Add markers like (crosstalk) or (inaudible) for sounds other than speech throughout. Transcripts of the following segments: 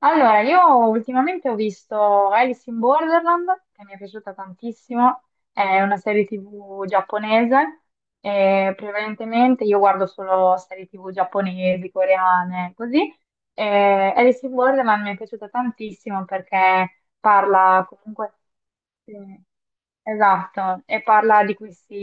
Allora, io ultimamente ho visto Alice in Borderland, che mi è piaciuta tantissimo, è una serie TV giapponese, e prevalentemente io guardo solo serie TV giapponesi, coreane, così. E Alice in Borderland mi è piaciuta tantissimo perché parla comunque... sì, esatto, e parla di questi,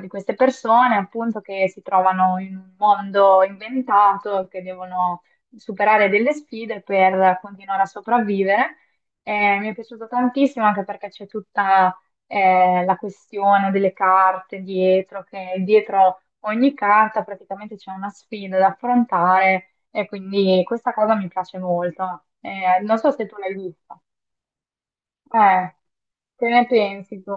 di queste persone appunto che si trovano in un mondo inventato, che devono superare delle sfide per continuare a sopravvivere. Mi è piaciuto tantissimo anche perché c'è tutta la questione delle carte dietro, che dietro ogni carta praticamente c'è una sfida da affrontare e quindi questa cosa mi piace molto. Non so se tu l'hai vista. Eh, che ne pensi tu?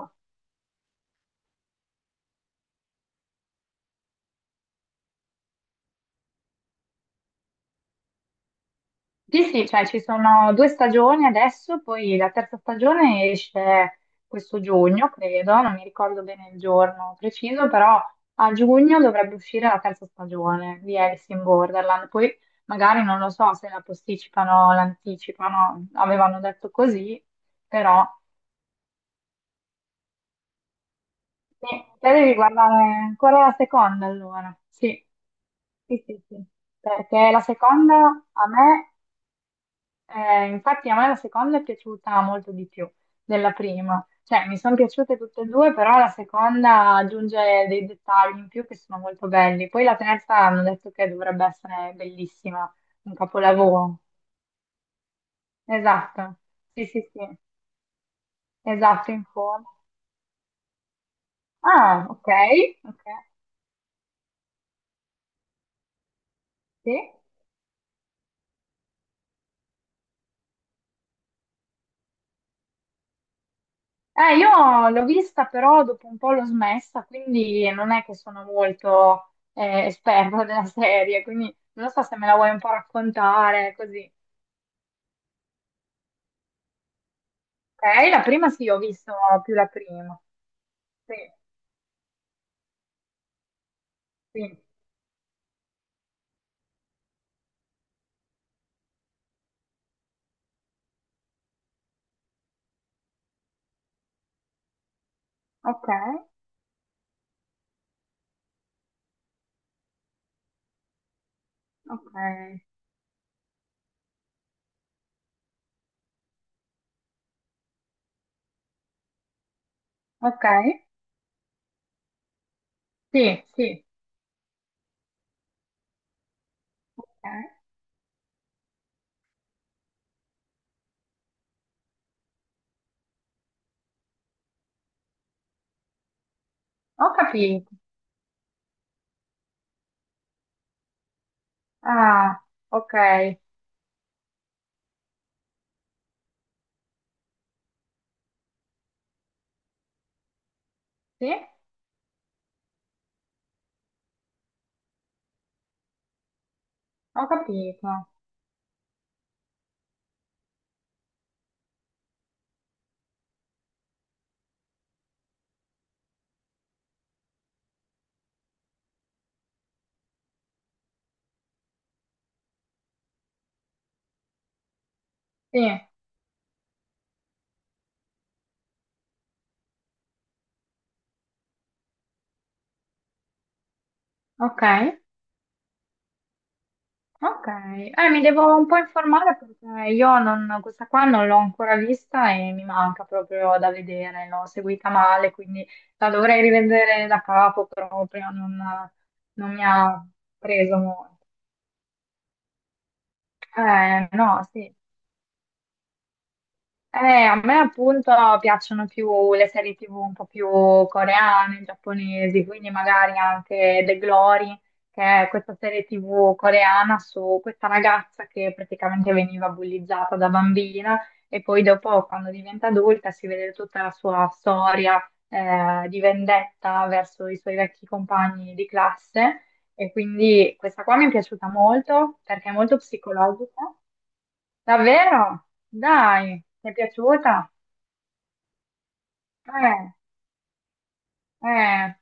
Sì, sì, cioè ci sono due stagioni adesso, poi la terza stagione esce questo giugno, credo, non mi ricordo bene il giorno preciso, però a giugno dovrebbe uscire la terza stagione di Alice in Borderland. Poi magari non lo so se la posticipano o l'anticipano, avevano detto così, però sì, te devi guardare ancora la seconda allora. Sì, sì, sì, sì. Perché la seconda a me infatti a me la seconda è piaciuta molto di più della prima, cioè mi sono piaciute tutte e due, però la seconda aggiunge dei dettagli in più che sono molto belli. Poi la terza hanno detto che dovrebbe essere bellissima, un capolavoro. Esatto, sì, sì, sì, esatto, in forma. Ah, ok, ok, sì. Io l'ho vista però dopo un po' l'ho smessa, quindi non è che sono molto esperta (laughs) della serie, quindi non so se me la vuoi un po' raccontare, così. Ok, la prima sì, ho visto più la prima. Sì, sì. Ok, ok, ok. Sì, sì, ok. Ho capito. Ah, ok, sì, ho capito. Sì, ok. Ok, mi devo un po' informare perché io non- questa qua non l'ho ancora vista e mi manca proprio da vedere, l'ho seguita male, quindi la dovrei rivedere da capo, però proprio non, non mi ha preso molto. No, sì, Eh, a me appunto piacciono più le serie TV un po' più coreane, giapponesi, quindi magari anche The Glory, che è questa serie TV coreana su questa ragazza che praticamente veniva bullizzata da bambina e poi dopo quando diventa adulta si vede tutta la sua storia di vendetta verso i suoi vecchi compagni di classe e quindi questa qua mi è piaciuta molto perché è molto psicologica. Davvero? Dai, ti è piaciuta? Eh, eh,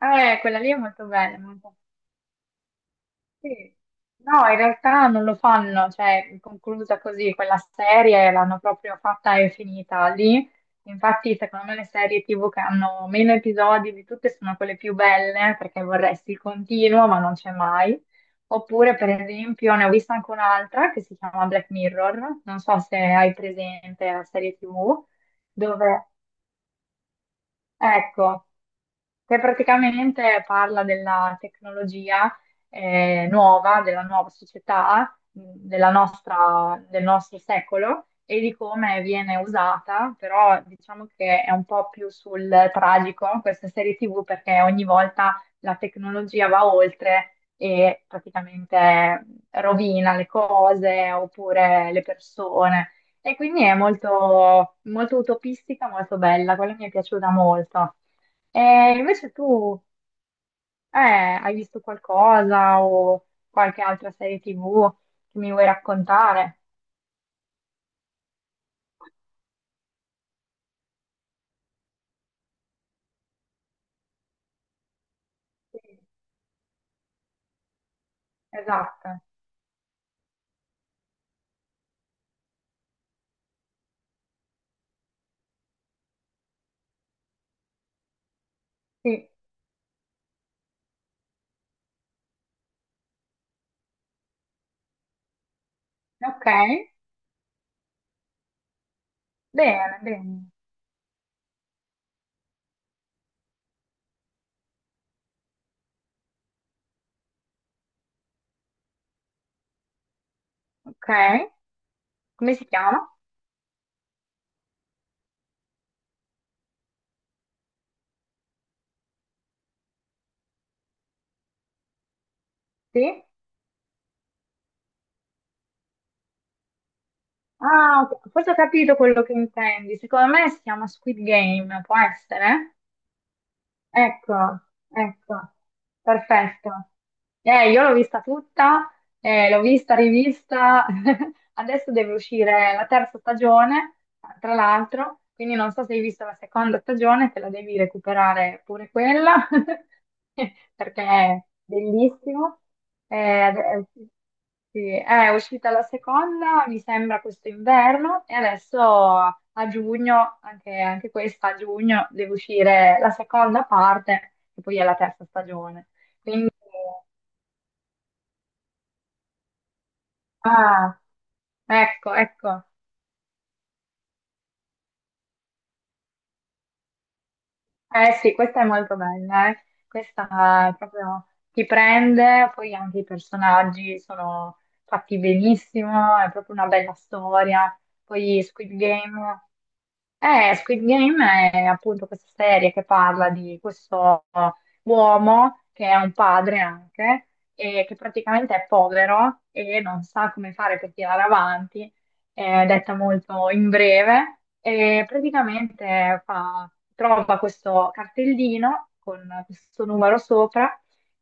quella lì è molto bella. Molto- sì. No, in realtà non lo fanno, cioè è conclusa così, quella serie l'hanno proprio fatta e finita lì. Infatti, secondo me le serie TV che hanno meno episodi di tutte sono quelle più belle, perché vorresti il continuo, ma non c'è mai. Oppure, per esempio, ne ho vista anche un'altra che si chiama Black Mirror, non so se hai presente la serie TV dove ecco, che praticamente parla della tecnologia nuova, della nuova società, della nostra- del nostro secolo e di come viene usata, però diciamo che è un po' più sul tragico questa serie TV perché ogni volta la tecnologia va oltre e praticamente rovina le cose oppure le persone. E quindi è molto, molto utopistica, molto bella, quella mi è piaciuta molto. E invece tu, eh, hai visto qualcosa o qualche altra serie TV che mi vuoi raccontare? Sì. Esatto, sì. Ok, bene, bene. Ok, come si chiama? Sì. Ah, ok. Forse ho capito quello che intendi. Secondo me si chiama Squid Game, può essere? Ecco, ecco, perfetto. Io l'ho vista tutta, l'ho vista, rivista, (laughs) adesso deve uscire la terza stagione, tra l'altro, quindi non so se hai visto la seconda stagione, te la devi recuperare pure quella, (laughs) perché è bellissimo. Eh, ad- eh, sì, è uscita la seconda, mi sembra questo inverno, e adesso a giugno, anche, anche questa a giugno, deve uscire la seconda parte, che poi è la terza stagione. Quindi, ah, ecco, ecco. Eh sì, questa è molto bella, eh. Questa è proprio ti prende, poi anche i personaggi sono fatti benissimo, è proprio una bella storia. Poi Squid Game. Squid Game è appunto questa serie che parla di questo uomo che è un padre anche e che praticamente è povero e non sa come fare per tirare avanti, detta molto in breve, e praticamente fa- trova questo cartellino con questo numero sopra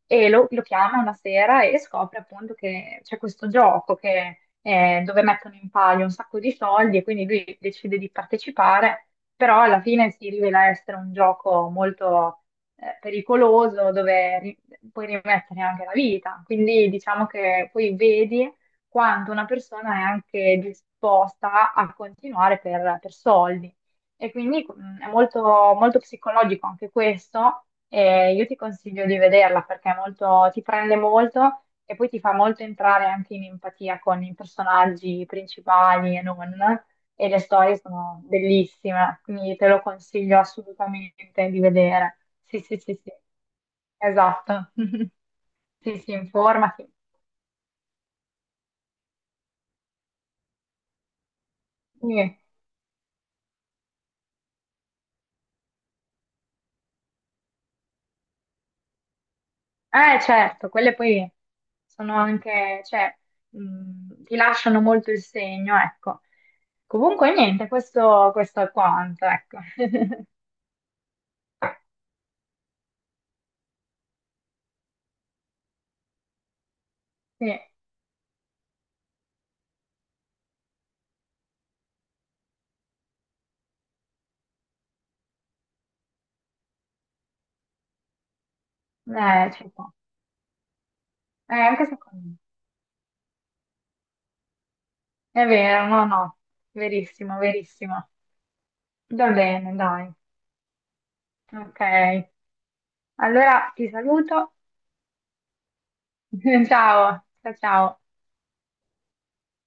e lo chiama una sera e scopre appunto che c'è questo gioco che dove mettono in palio un sacco di soldi e quindi lui decide di partecipare, però alla fine si rivela essere un gioco molto pericoloso dove ri- puoi rimettere anche la vita. Quindi diciamo che poi vedi quanto una persona è anche disposta a continuare per soldi. E quindi è molto, molto psicologico anche questo. E io ti consiglio di vederla perché è molto, ti prende molto e poi ti fa molto entrare anche in empatia con i personaggi principali e non, e le storie sono bellissime, quindi te lo consiglio assolutamente di vedere. Sì, sì, sì, sì, esatto. (laughs) Sì, sì, informati. Sì. Certo, quelle poi sono anche, cioè, ti lasciano molto il segno, ecco. Comunque, niente, questo è quanto, ecco. (laughs) Sì, ci può. Anche secondo me. È vero, no, no, verissimo, verissimo. Va bene, dai. Ok, allora ti saluto. (laughs) Ciao, ciao, ciao.